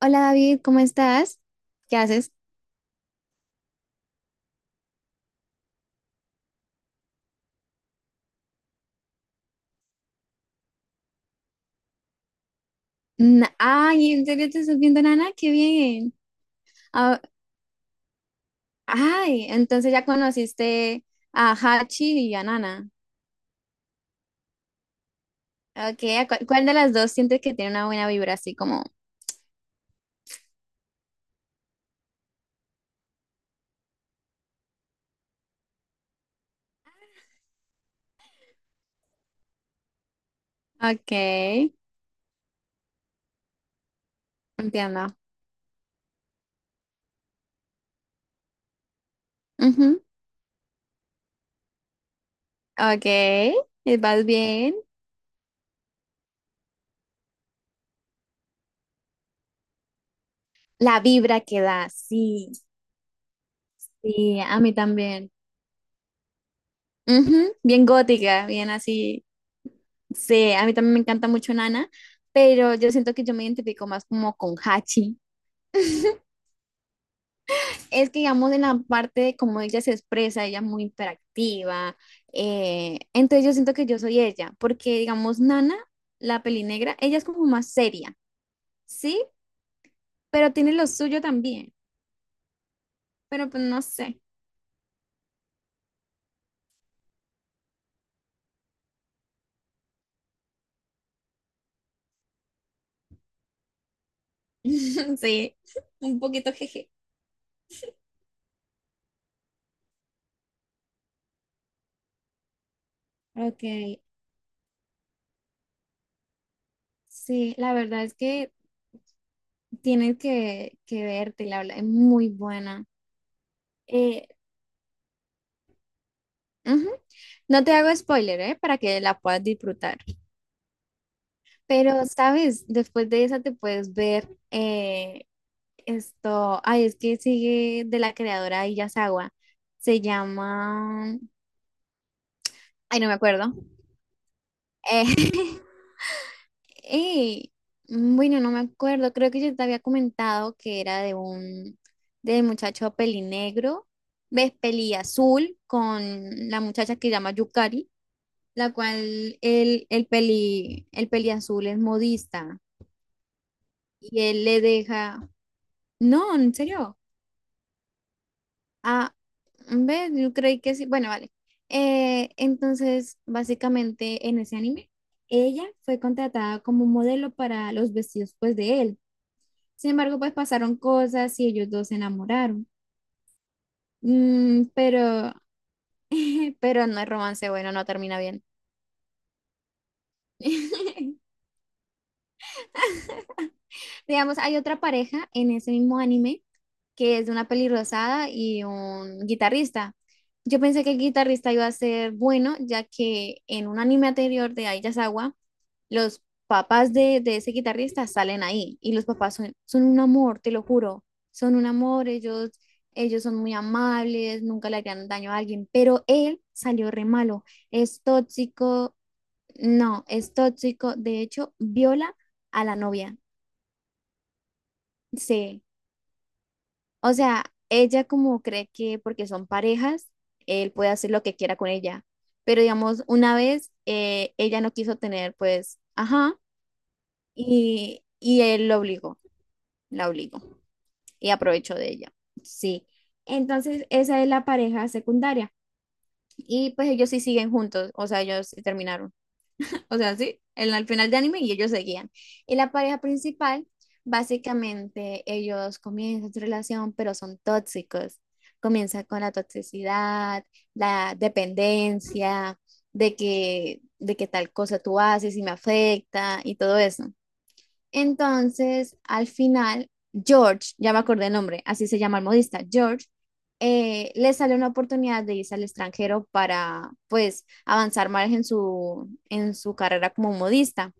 Hola David, ¿cómo estás? ¿Qué haces? Ay, ¿en serio te estás viendo Nana? ¡Qué bien! Ah, ay, entonces ya conociste a Hachi y a Nana. Ok, ¿cuál de las dos sientes que tiene una buena vibra así como? Ok, entiendo. Ujú. Ok, vas bien. La vibra que da, sí, sí, a mí también. Ujú. Bien gótica, bien así. Sí, a mí también me encanta mucho Nana, pero yo siento que yo me identifico más como con Hachi. Es que digamos en la parte de cómo ella se expresa, ella es muy interactiva, entonces yo siento que yo soy ella, porque digamos Nana, la peli negra, ella es como más seria, ¿sí? Pero tiene lo suyo también, pero pues no sé. Sí, un poquito jeje. Ok. Sí, la verdad es que tienes que verte, la verdad, es muy buena. Eh, ujú. No te hago spoiler, ¿eh? Para que la puedas disfrutar. Pero, ¿sabes? Después de esa te puedes ver esto. Ay, es que sigue de la creadora de Yasawa. Se llama. Ay, no me acuerdo. Eh, y, bueno, no me acuerdo. Creo que yo te había comentado que era de un de muchacho pelinegro, ves, peliazul, con la muchacha que se llama Yukari, la cual el peliazul es modista y él le deja. No, en serio. Ah, ¿ves? Yo creí que sí. Bueno, vale. Entonces, básicamente en ese anime, ella fue contratada como modelo para los vestidos pues de él. Sin embargo, pues pasaron cosas y ellos dos se enamoraron. Mm, pero, pero no es romance, bueno, no termina bien. Digamos, hay otra pareja en ese mismo anime que es de una pelirrosada y un guitarrista. Yo pensé que el guitarrista iba a ser bueno, ya que en un anime anterior de Aiyazawa, los papás de ese guitarrista salen ahí y los papás son, son un amor, te lo juro, son un amor, ellos son muy amables, nunca le harían daño a alguien, pero él salió re malo, es tóxico, no, es tóxico, de hecho, viola a la novia, sí. O sea, ella como cree que porque son parejas, él puede hacer lo que quiera con ella. Pero digamos, una vez ella no quiso tener, pues, ajá, y él lo obligó, la obligó y aprovechó de ella. Sí. Entonces, esa es la pareja secundaria. Y pues ellos sí siguen juntos, o sea, ellos sí terminaron. O sea, sí, en al final de anime y ellos seguían. Y la pareja principal, básicamente ellos comienzan su relación, pero son tóxicos. Comienza con la toxicidad, la dependencia, de que tal cosa tú haces y me afecta y todo eso. Entonces, al final, George, ya me acordé el nombre, así se llama el modista, George, le sale una oportunidad de irse al extranjero para, pues, avanzar más en su carrera como modista.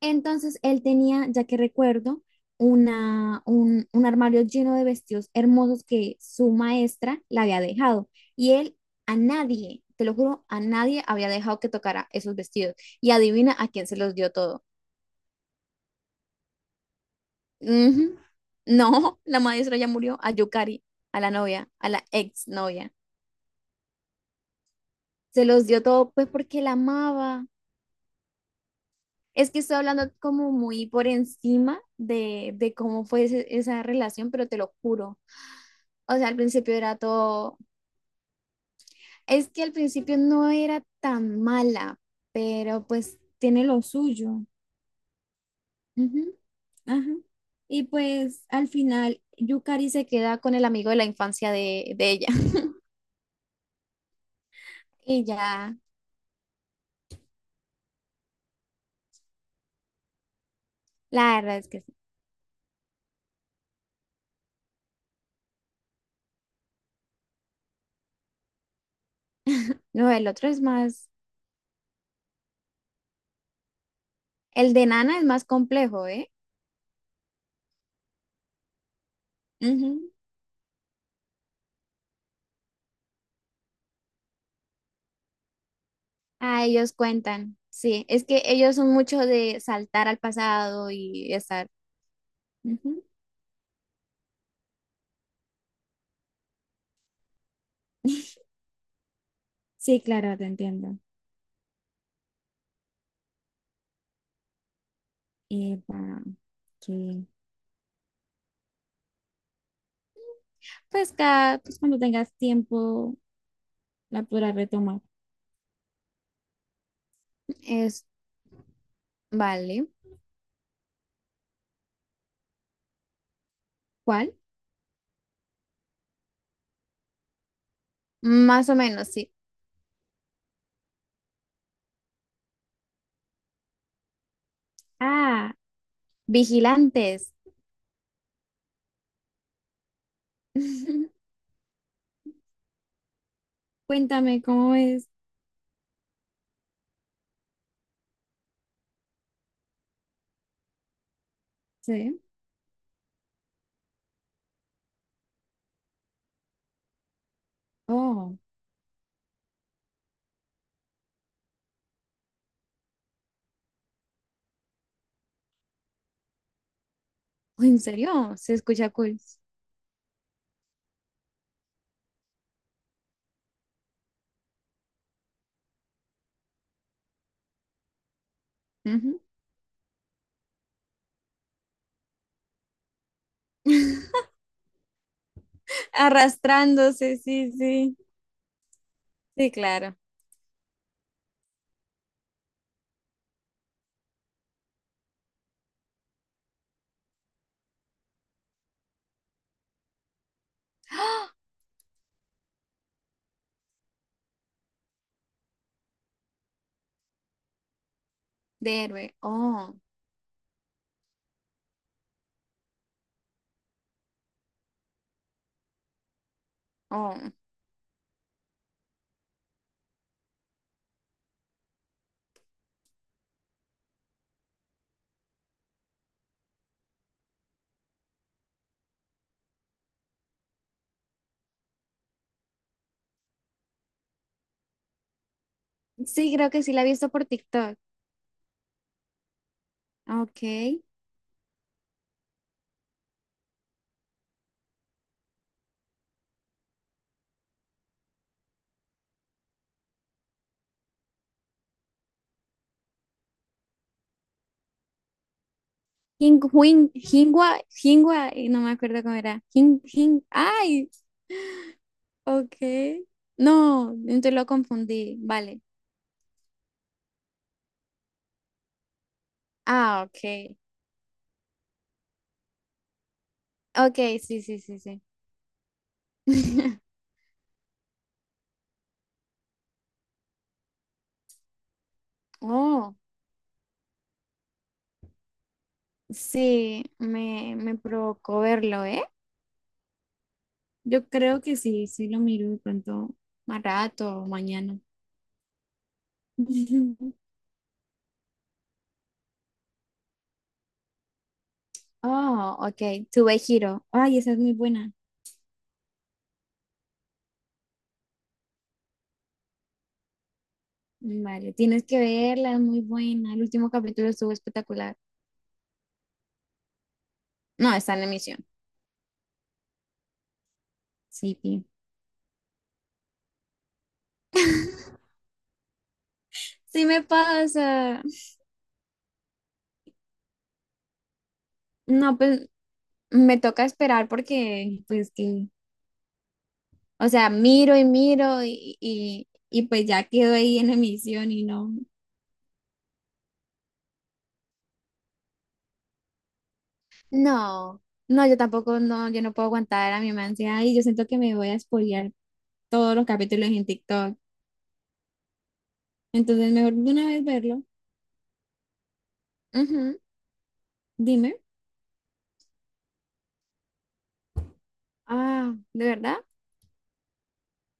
Entonces, él tenía, ya que recuerdo, un armario lleno de vestidos hermosos que su maestra le había dejado. Y él a nadie, te lo juro, a nadie había dejado que tocara esos vestidos. Y adivina a quién se los dio todo. Ujú. No, la maestra ya murió a Yukari, a la novia, a la ex novia. Se los dio todo, pues porque la amaba. Es que estoy hablando como muy por encima de cómo fue esa relación, pero te lo juro. O sea, al principio era todo. Es que al principio no era tan mala, pero pues tiene lo suyo. Ujú, ajá. Y pues al final, Yukari se queda con el amigo de la infancia de ella. Y ya. La verdad es que sí. No, el otro es más, el de Nana es más complejo, ¿eh? Ujú. Ah, ellos cuentan, sí, es que ellos son mucho de saltar al pasado y estar, ujú. Sí, claro, te entiendo. Eh, para que, pues, pues cuando tengas tiempo la podrás retomar. Es, vale. ¿Cuál? Más o menos, sí. Ah, Vigilantes. Cuéntame cómo es. Sí. Oh, ¿en serio? Se escucha cool. Ujú. Arrastrándose, sí, sí. Sí, claro. De héroe. Oh, oh. Sí, creo que sí la he visto por TikTok. Ok. hing Huin- hingua hingua y no me acuerdo cómo era. Hing hing ay, ok. No, entonces lo confundí. Vale. Ah, ok. Ok, sí, sí, sí, sí. Oh, sí, me provocó verlo, ¿eh? Yo creo que sí, sí lo miro de pronto más rato o mañana. Oh, ok. Tuve giro. Ay, esa es muy buena. Vale, tienes que verla, es muy buena. El último capítulo estuvo espectacular. No, está en emisión. Sí, sí. Sí me pasa. No, pues me toca esperar porque, pues que, o sea, miro y miro y pues ya quedo ahí en emisión y no. No, no, yo tampoco, no, yo no puedo aguantar a mi mamá ansiedad y yo siento que me voy a spoilear todos los capítulos en TikTok. Entonces, mejor de una vez verlo. Ujú. Dime. Ah, ¿de verdad?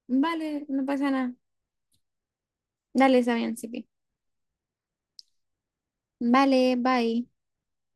Vale, no pasa nada. Dale, está bien, Sipi. Vale, bye.